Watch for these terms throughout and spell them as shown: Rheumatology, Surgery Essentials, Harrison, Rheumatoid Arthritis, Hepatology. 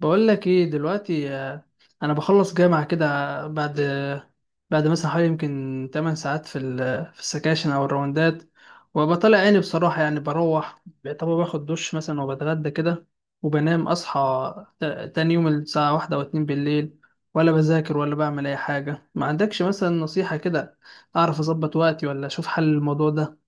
بقول لك ايه دلوقتي، انا بخلص جامعة كده. بعد بعد مثلا حوالي يمكن 8 ساعات في في السكاشن او الراوندات، وببقى طالع عيني بصراحة. يعني بروح، طب باخد دش مثلا وبتغدى كده وبنام. اصحى تاني يوم الساعة واحدة او اتنين بالليل، ولا بذاكر ولا بعمل اي حاجة. ما عندكش مثلا نصيحة كده اعرف اظبط وقتي، ولا اشوف حل الموضوع ده؟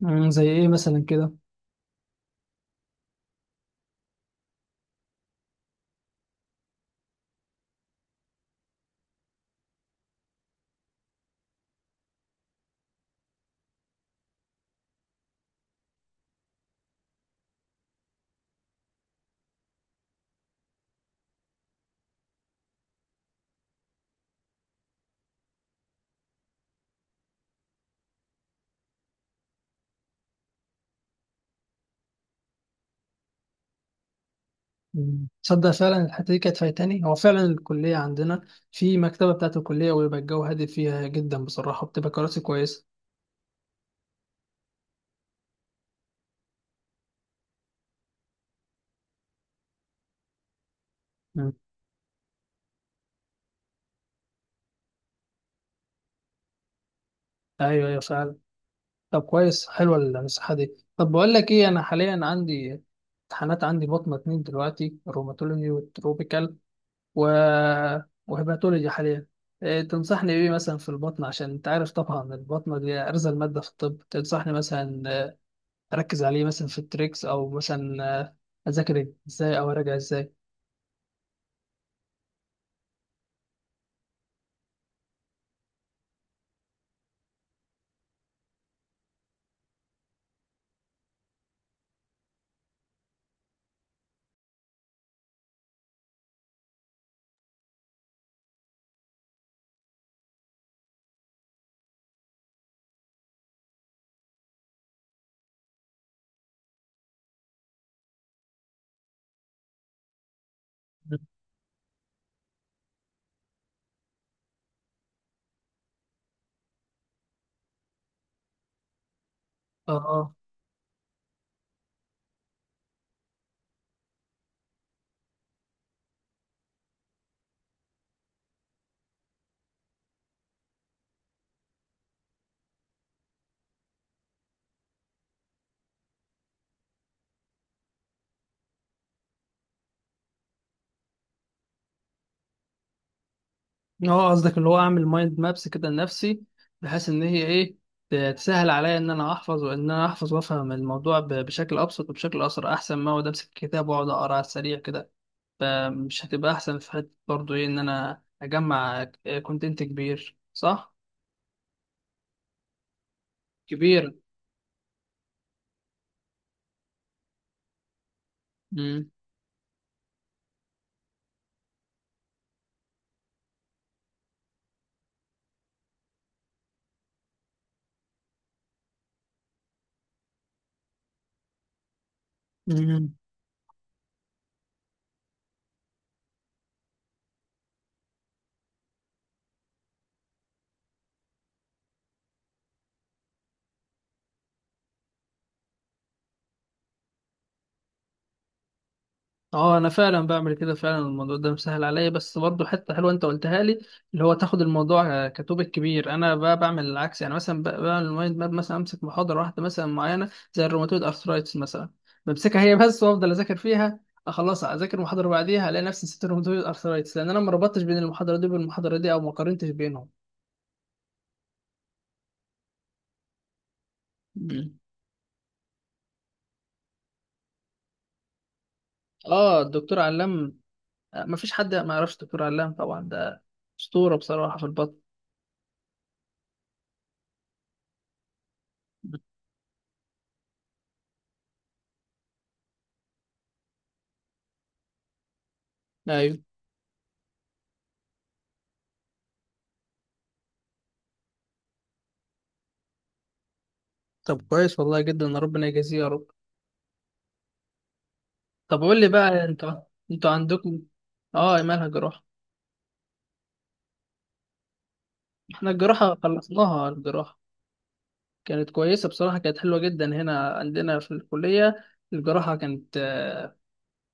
زي ايه مثلا كده؟ تصدق فعلا، الحته دي كانت فايتاني. هو فعلا الكليه عندنا في مكتبه بتاعه الكليه، ويبقى الجو هادي فيها جدا بصراحه، بتبقى كراسي كويسه. مم. ايوه، ايوه، فعلا. طب كويس، حلوه النصيحه دي. طب بقول لك ايه، انا حاليا عندي امتحانات، عندي بطنه اتنين دلوقتي، روماتولوجي والتروبيكال و... وهيباتولوجي حاليا. إيه تنصحني بايه مثلا في البطن؟ عشان انت عارف طبعا البطنه دي ارزل ماده في الطب. تنصحني مثلا اركز عليه مثلا في التريكس، او مثلا اذاكر إيه؟ ازاي، او اراجع ازاي؟ اه، اه، قصدك اللي هو اعمل مايند مابس كده لنفسي، بحيث ان هي ايه تسهل عليا، ان انا احفظ وافهم الموضوع بشكل ابسط وبشكل اسرع، احسن ما اقعد امسك الكتاب واقعد اقرا على السريع كده. فمش هتبقى احسن في حته برضه ايه، ان انا اجمع كونتنت كبير، صح؟ كبير. امم. اه، انا فعلا بعمل كده، فعلا الموضوع ده مسهل عليا. بس برضه حته حلوه انت قلتها لي، اللي هو تاخد الموضوع كتوبك كبير. انا بقى بعمل العكس، يعني مثلا بعمل المايند ماب. مثلا امسك محاضره واحده مثلا معينه زي الروماتويد ارثرايتس مثلا، بمسكها هي بس وافضل اذاكر فيها. خلاص اذاكر محاضره بعديها الاقي نفسي نسيت الروماتويد ارثرايتس، لان انا ما ربطتش بين المحاضره دي والمحاضره دي، او ما قارنتش بينهم. مم. اه، الدكتور علام. ما فيش حد ما يعرفش الدكتور علام طبعا، ده اسطوره بصراحه في البطن. ايوه. طب كويس والله جدا، ربنا يجازيه يا رب. طب قول لي بقى انت، انتوا عندكم، اه، مالها جراحة؟ احنا الجراحة خلصناها. الجراحة كانت كويسة بصراحة، كانت حلوة جدا هنا عندنا في الكلية. الجراحة كانت آه،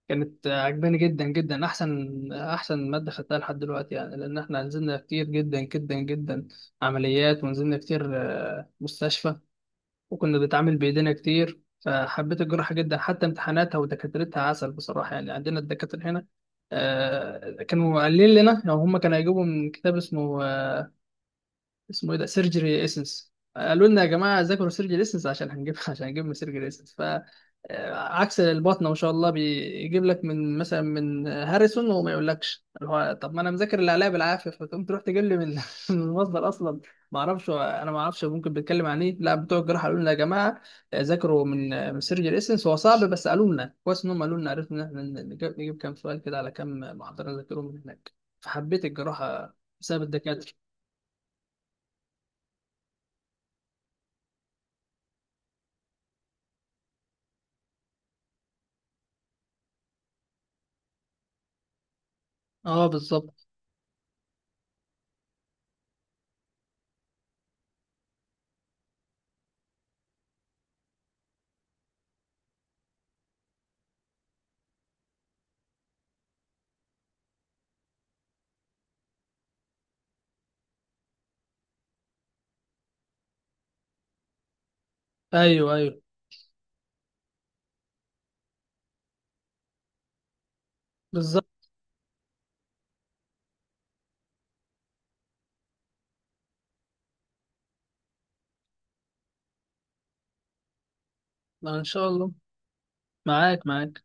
كانت عجباني جدا جدا، احسن احسن مادة خدتها لحد دلوقتي يعني، لان احنا نزلنا كتير جدا جدا جدا عمليات، ونزلنا كتير مستشفى، وكنا بنتعامل بايدينا كتير. فحبيت الجراحه جدا، حتى امتحاناتها ودكاترتها عسل بصراحه. يعني عندنا الدكاتره هنا كانوا قايلين لنا يعني هم كانوا هيجيبوا من كتاب اسمه ايه ده، سيرجري اسنس. قالوا لنا يا جماعه، ذاكروا سيرجري اسنس عشان هنجيب عشان هنجيب من سيرجري اسنس. ف عكس البطنه ما شاء الله بيجيب لك من مثلا من هاريسون، وما يقولكش اللي هو طب ما انا مذاكر اللي عليا بالعافيه، فتقوم تروح تجيب لي من من المصدر اصلا. ما اعرفش، انا ما اعرفش ممكن بيتكلم عن ايه. لا، بتوع الجراحه قالوا لنا يا جماعه ذاكروا من من سيرجري اسنس. هو صعب، بس قالوا لنا كويس ان هم قالوا لنا، عرفنا ان احنا نجيب كام سؤال كده على كام محاضره نذاكرهم من هناك. فحبيت الجراحه بسبب الدكاتره. اه، بالظبط. ايوه، ايوه، بالظبط. ان شاء الله. معاك، معاك.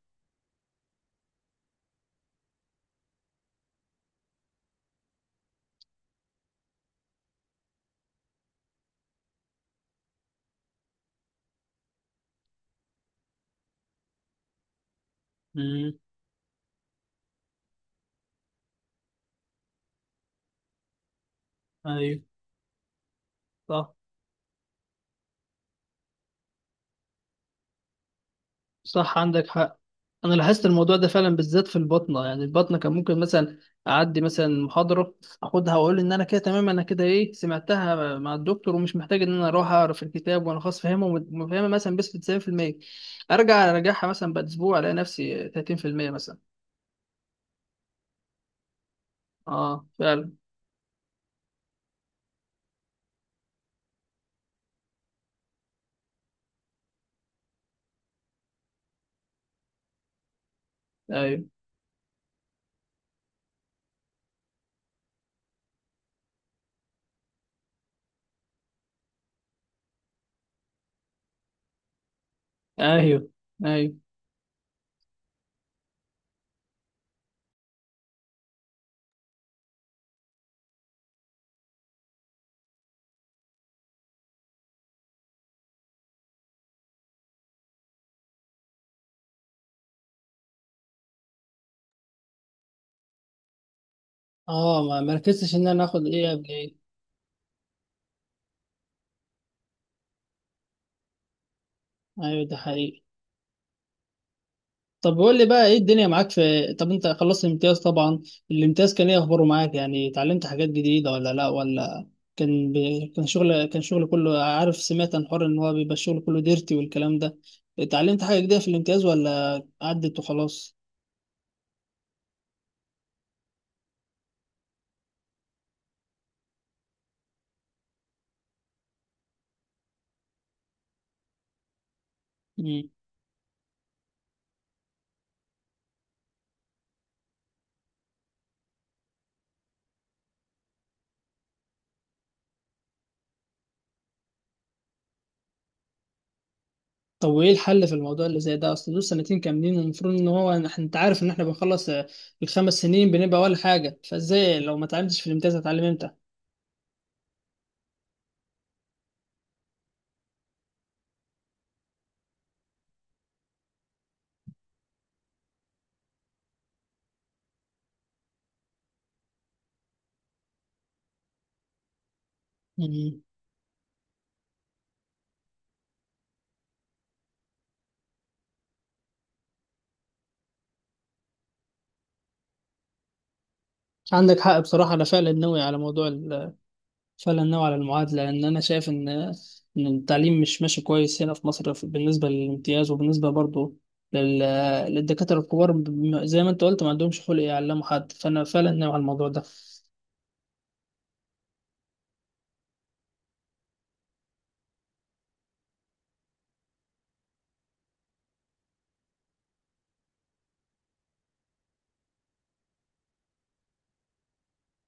امم. ايوه. صح، صح، عندك حق. انا لاحظت الموضوع ده فعلا، بالذات في البطنه. يعني البطنه كان ممكن مثلا اعدي مثلا محاضره، اخدها واقول ان انا كده تمام، انا كده ايه، سمعتها مع الدكتور ومش محتاج ان انا اروح اعرف الكتاب، وانا خلاص فاهمه، وفاهمه مثلا بس 90%، ارجع اراجعها مثلا بعد اسبوع الاقي نفسي 30% مثلا. اه، فعلا. ايوه، ايوه، ايوه. اه، ما مركزتش ان انا اخد ايه قبل ايه. ايوه، ده حقيقي. طب قول لي بقى ايه الدنيا معاك في طب؟ انت خلصت الامتياز طبعا. الامتياز كان ايه اخباره معاك؟ يعني اتعلمت حاجات جديدة ولا لا، ولا كان ب... كان شغل كله. عارف سمعت عن حوار ان هو بيبقى الشغل كله ديرتي والكلام ده. اتعلمت حاجة جديدة في الامتياز، ولا عدت وخلاص؟ مم. طب وايه الحل في الموضوع اللي زي ده؟ اصل دول سنتين كاملين، والمفروض ان هو إن انت عارف ان احنا بنخلص الخمس سنين بنبقى ولا حاجة. فازاي لو ما اتعلمتش في الامتياز هتعلم امتى؟ مم. عندك حق بصراحة. أنا فعلا ناوي على موضوع، فعلا نوع على المعادلة، لأن أنا شايف إن التعليم مش ماشي كويس هنا في مصر. بالنسبة للامتياز، وبالنسبة برضه لل- للدكاترة الكبار، زي ما أنت قلت ما عندهمش خلق يعلموا حد. فأنا فعلا نوع على الموضوع ده.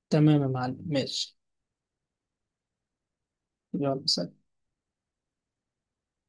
تمام يا معلم، ماشي. يلا، سلام.